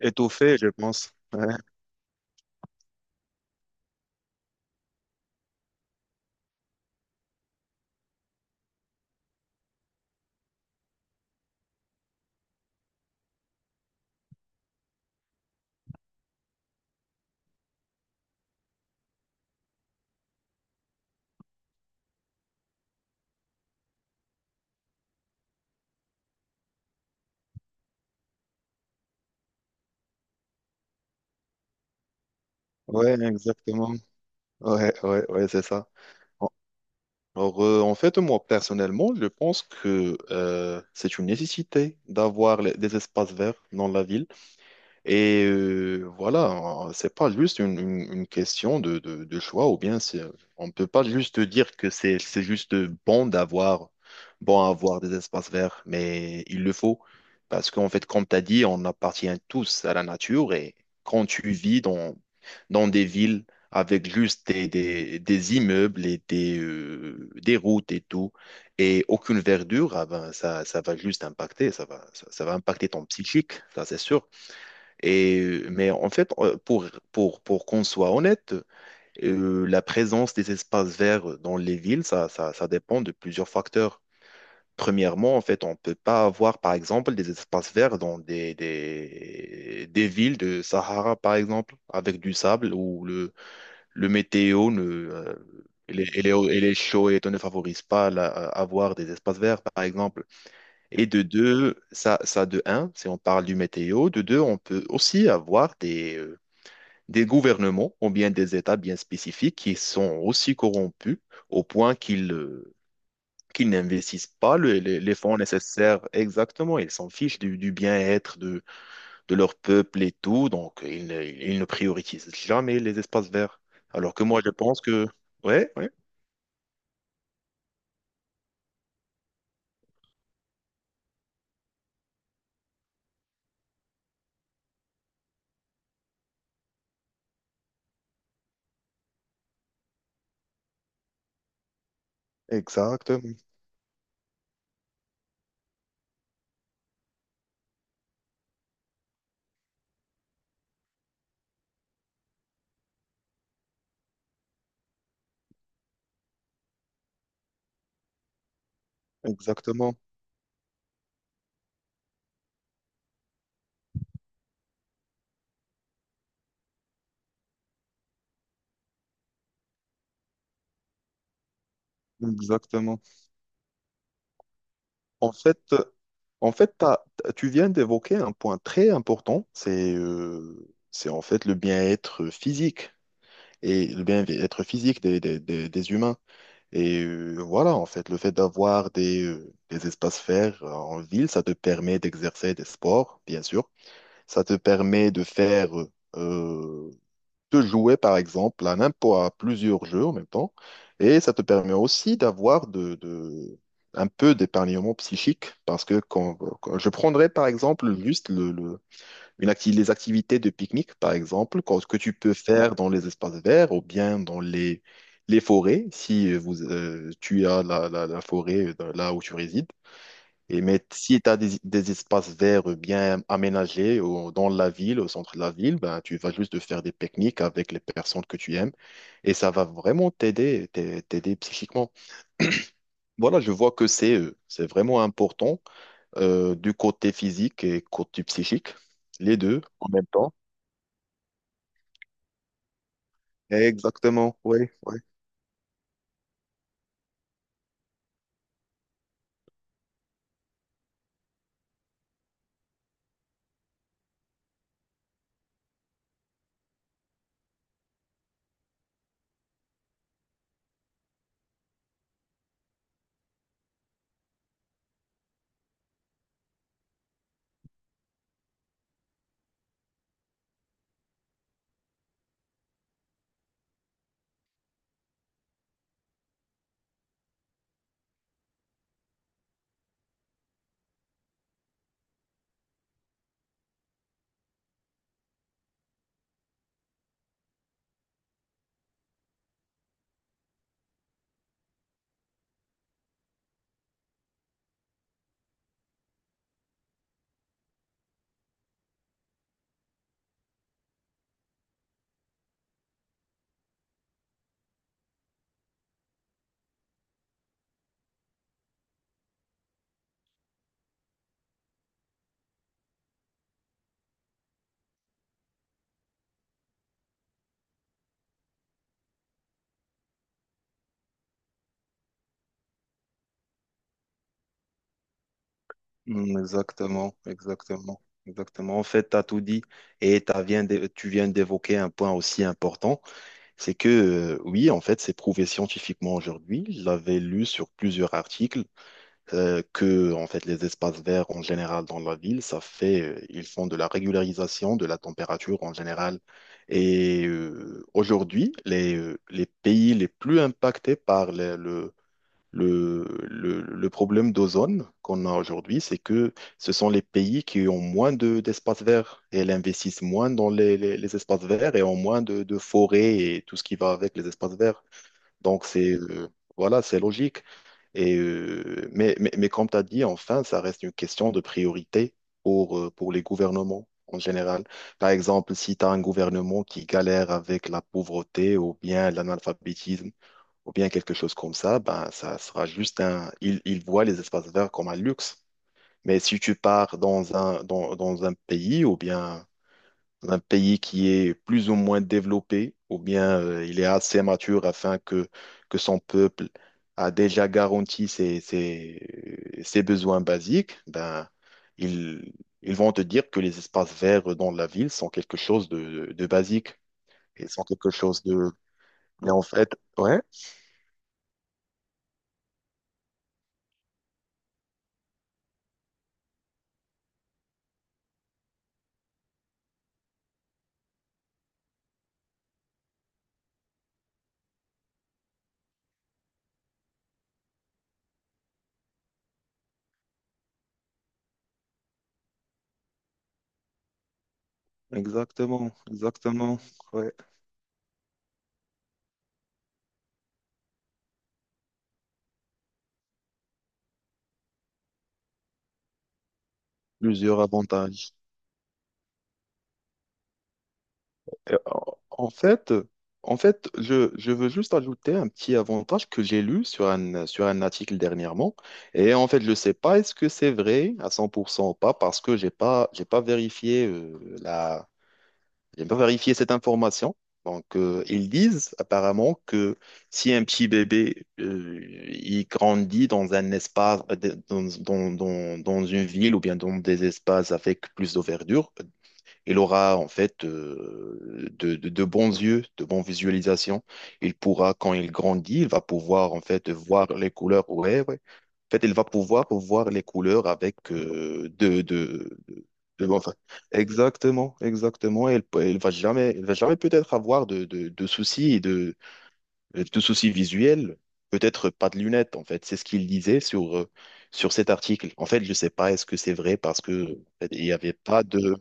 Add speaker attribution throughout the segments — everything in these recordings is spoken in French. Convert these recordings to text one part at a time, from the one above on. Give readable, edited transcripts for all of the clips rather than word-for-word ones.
Speaker 1: Étouffé, je pense. Ouais, ouais, exactement. Ouais, ouais, ouais, c'est ça. En- Alors, en fait, moi, personnellement, je pense que c'est une nécessité d'avoir des espaces verts dans la ville. Et voilà, c'est pas juste une question de choix, ou bien on ne peut pas juste dire que c'est juste bon d'avoir bon à avoir des espaces verts, mais il le faut. Parce qu'en fait, comme tu as dit, on appartient tous à la nature et quand tu vis dans des villes avec juste des immeubles et des routes et tout, et aucune verdure, ah ben, ça va juste impacter, ça va, ça va impacter ton psychique, ça c'est sûr. Et, mais en fait, pour qu'on soit honnête, la présence des espaces verts dans les villes, ça dépend de plusieurs facteurs. Premièrement, en fait, on ne peut pas avoir, par exemple, des espaces verts dans des villes de Sahara, par exemple, avec du sable où le météo ne, et les, et les, et les chauds et tout ne favorisent pas à avoir des espaces verts, par exemple. Et de deux, ça de un, si on parle du météo, de deux, on peut aussi avoir des gouvernements ou bien des États bien spécifiques qui sont aussi corrompus au point qu'ils n'investissent pas les fonds nécessaires exactement. Ils s'en fichent du bien-être de leur peuple et tout, donc ils ne priorisent jamais les espaces verts. Alors que moi, je pense que... Ouais, ouais, exactement, exactement, exactement. En fait, tu viens d'évoquer un point très important, c'est en fait le bien-être physique. Et le bien-être physique des humains. Et voilà, en fait, le fait d'avoir des espaces verts en ville, ça te permet d'exercer des sports, bien sûr. Ça te permet de faire, euh, de jouer, par exemple, à n'importe à plusieurs jeux en même temps. Et ça te permet aussi d'avoir un peu d'épargnement psychique, parce que je prendrais, par exemple, juste le une les activités de pique-nique, par exemple, que tu peux faire dans les espaces verts ou bien dans les forêts, si tu as la forêt là où tu résides. Et, mais si tu as des espaces verts bien aménagés dans la ville, au centre de la ville, ben, tu vas juste faire des pique-niques avec les personnes que tu aimes et ça va vraiment t'aider psychiquement. Voilà, je vois que c'est vraiment important du côté physique et côté psychique, les deux en même temps. Exactement, oui, oui. Mm, exactement, exactement, exactement. En fait, tu as tout dit et tu viens d'évoquer un point aussi important, c'est que oui, en fait, c'est prouvé scientifiquement aujourd'hui. Je l'avais lu sur plusieurs articles que en fait les espaces verts en général dans la ville, ça fait ils font de la régularisation de la température en général. Et aujourd'hui, les pays les plus impactés par Le, le problème d'ozone qu'on a aujourd'hui, c'est que ce sont les pays qui ont moins d'espaces verts et elles investissent moins dans les espaces verts et ont moins de forêts et tout ce qui va avec les espaces verts. Donc, c'est voilà, c'est logique. Et, mais comme tu as dit, enfin, ça reste une question de priorité pour les gouvernements en général. Par exemple, si tu as un gouvernement qui galère avec la pauvreté ou bien l'analphabétisme, ou bien quelque chose comme ça, ben, ça sera juste un. Ils voient les espaces verts comme un luxe. Mais si tu pars dans dans un pays, ou bien un pays qui est plus ou moins développé, ou bien il est assez mature afin que son peuple a déjà garanti ses besoins basiques, ben, ils, ils vont te dire que les espaces verts dans la ville sont quelque chose de basique et sont quelque chose de. Mais en fait, ouais. Exactement, exactement. Ouais. Plusieurs avantages. Et, en en fait, En fait, je veux juste ajouter un petit avantage que j'ai lu sur un article dernièrement. Et en fait, je ne sais pas est-ce que c'est vrai à 100% ou pas parce que j'ai pas vérifié j'ai pas vérifié cette information. Donc, ils disent apparemment que si un petit bébé il grandit dans un espace, dans une ville ou bien dans des espaces avec plus de verdure, il aura en fait de bons yeux, de bonnes visualisations. Il pourra, quand il grandit, il va pouvoir en fait voir les couleurs. Ouais, ouais. En fait, il va pouvoir voir les couleurs avec enfin, exactement, exactement. Il, peut- il va jamais, Il va jamais peut-être avoir de soucis visuels. Peut-être pas de lunettes, en fait. C'est ce qu'il disait sur cet article. En fait, je sais pas, est-ce que c'est vrai parce que en fait, il n'y avait pas de...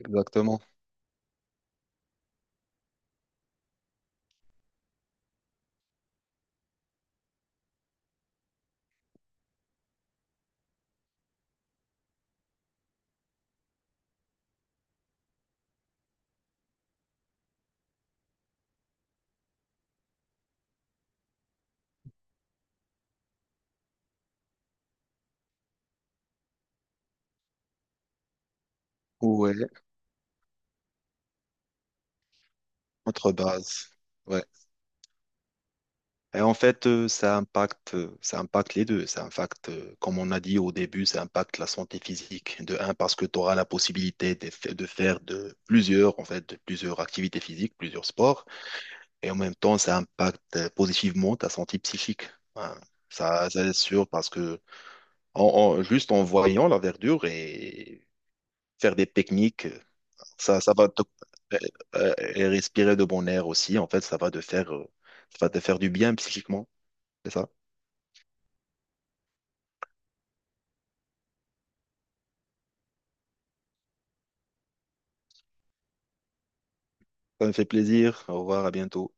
Speaker 1: Exactement. Ouais, entre bases. Ouais. Et en fait, ça impacte les deux. Ça impacte, comme on a dit au début, ça impacte la santé physique. De un, parce que tu auras la possibilité de faire de plusieurs, en fait, de plusieurs activités physiques, plusieurs sports. Et en même temps, ça impacte positivement ta santé psychique. Hein. Ça c'est sûr, parce que juste en voyant la verdure et faire des techniques. Ça, ça va te, et respirer de bon air aussi, en fait, ça va te faire, ça va te faire du bien psychiquement, c'est ça? Ça me fait plaisir. Au revoir, à bientôt.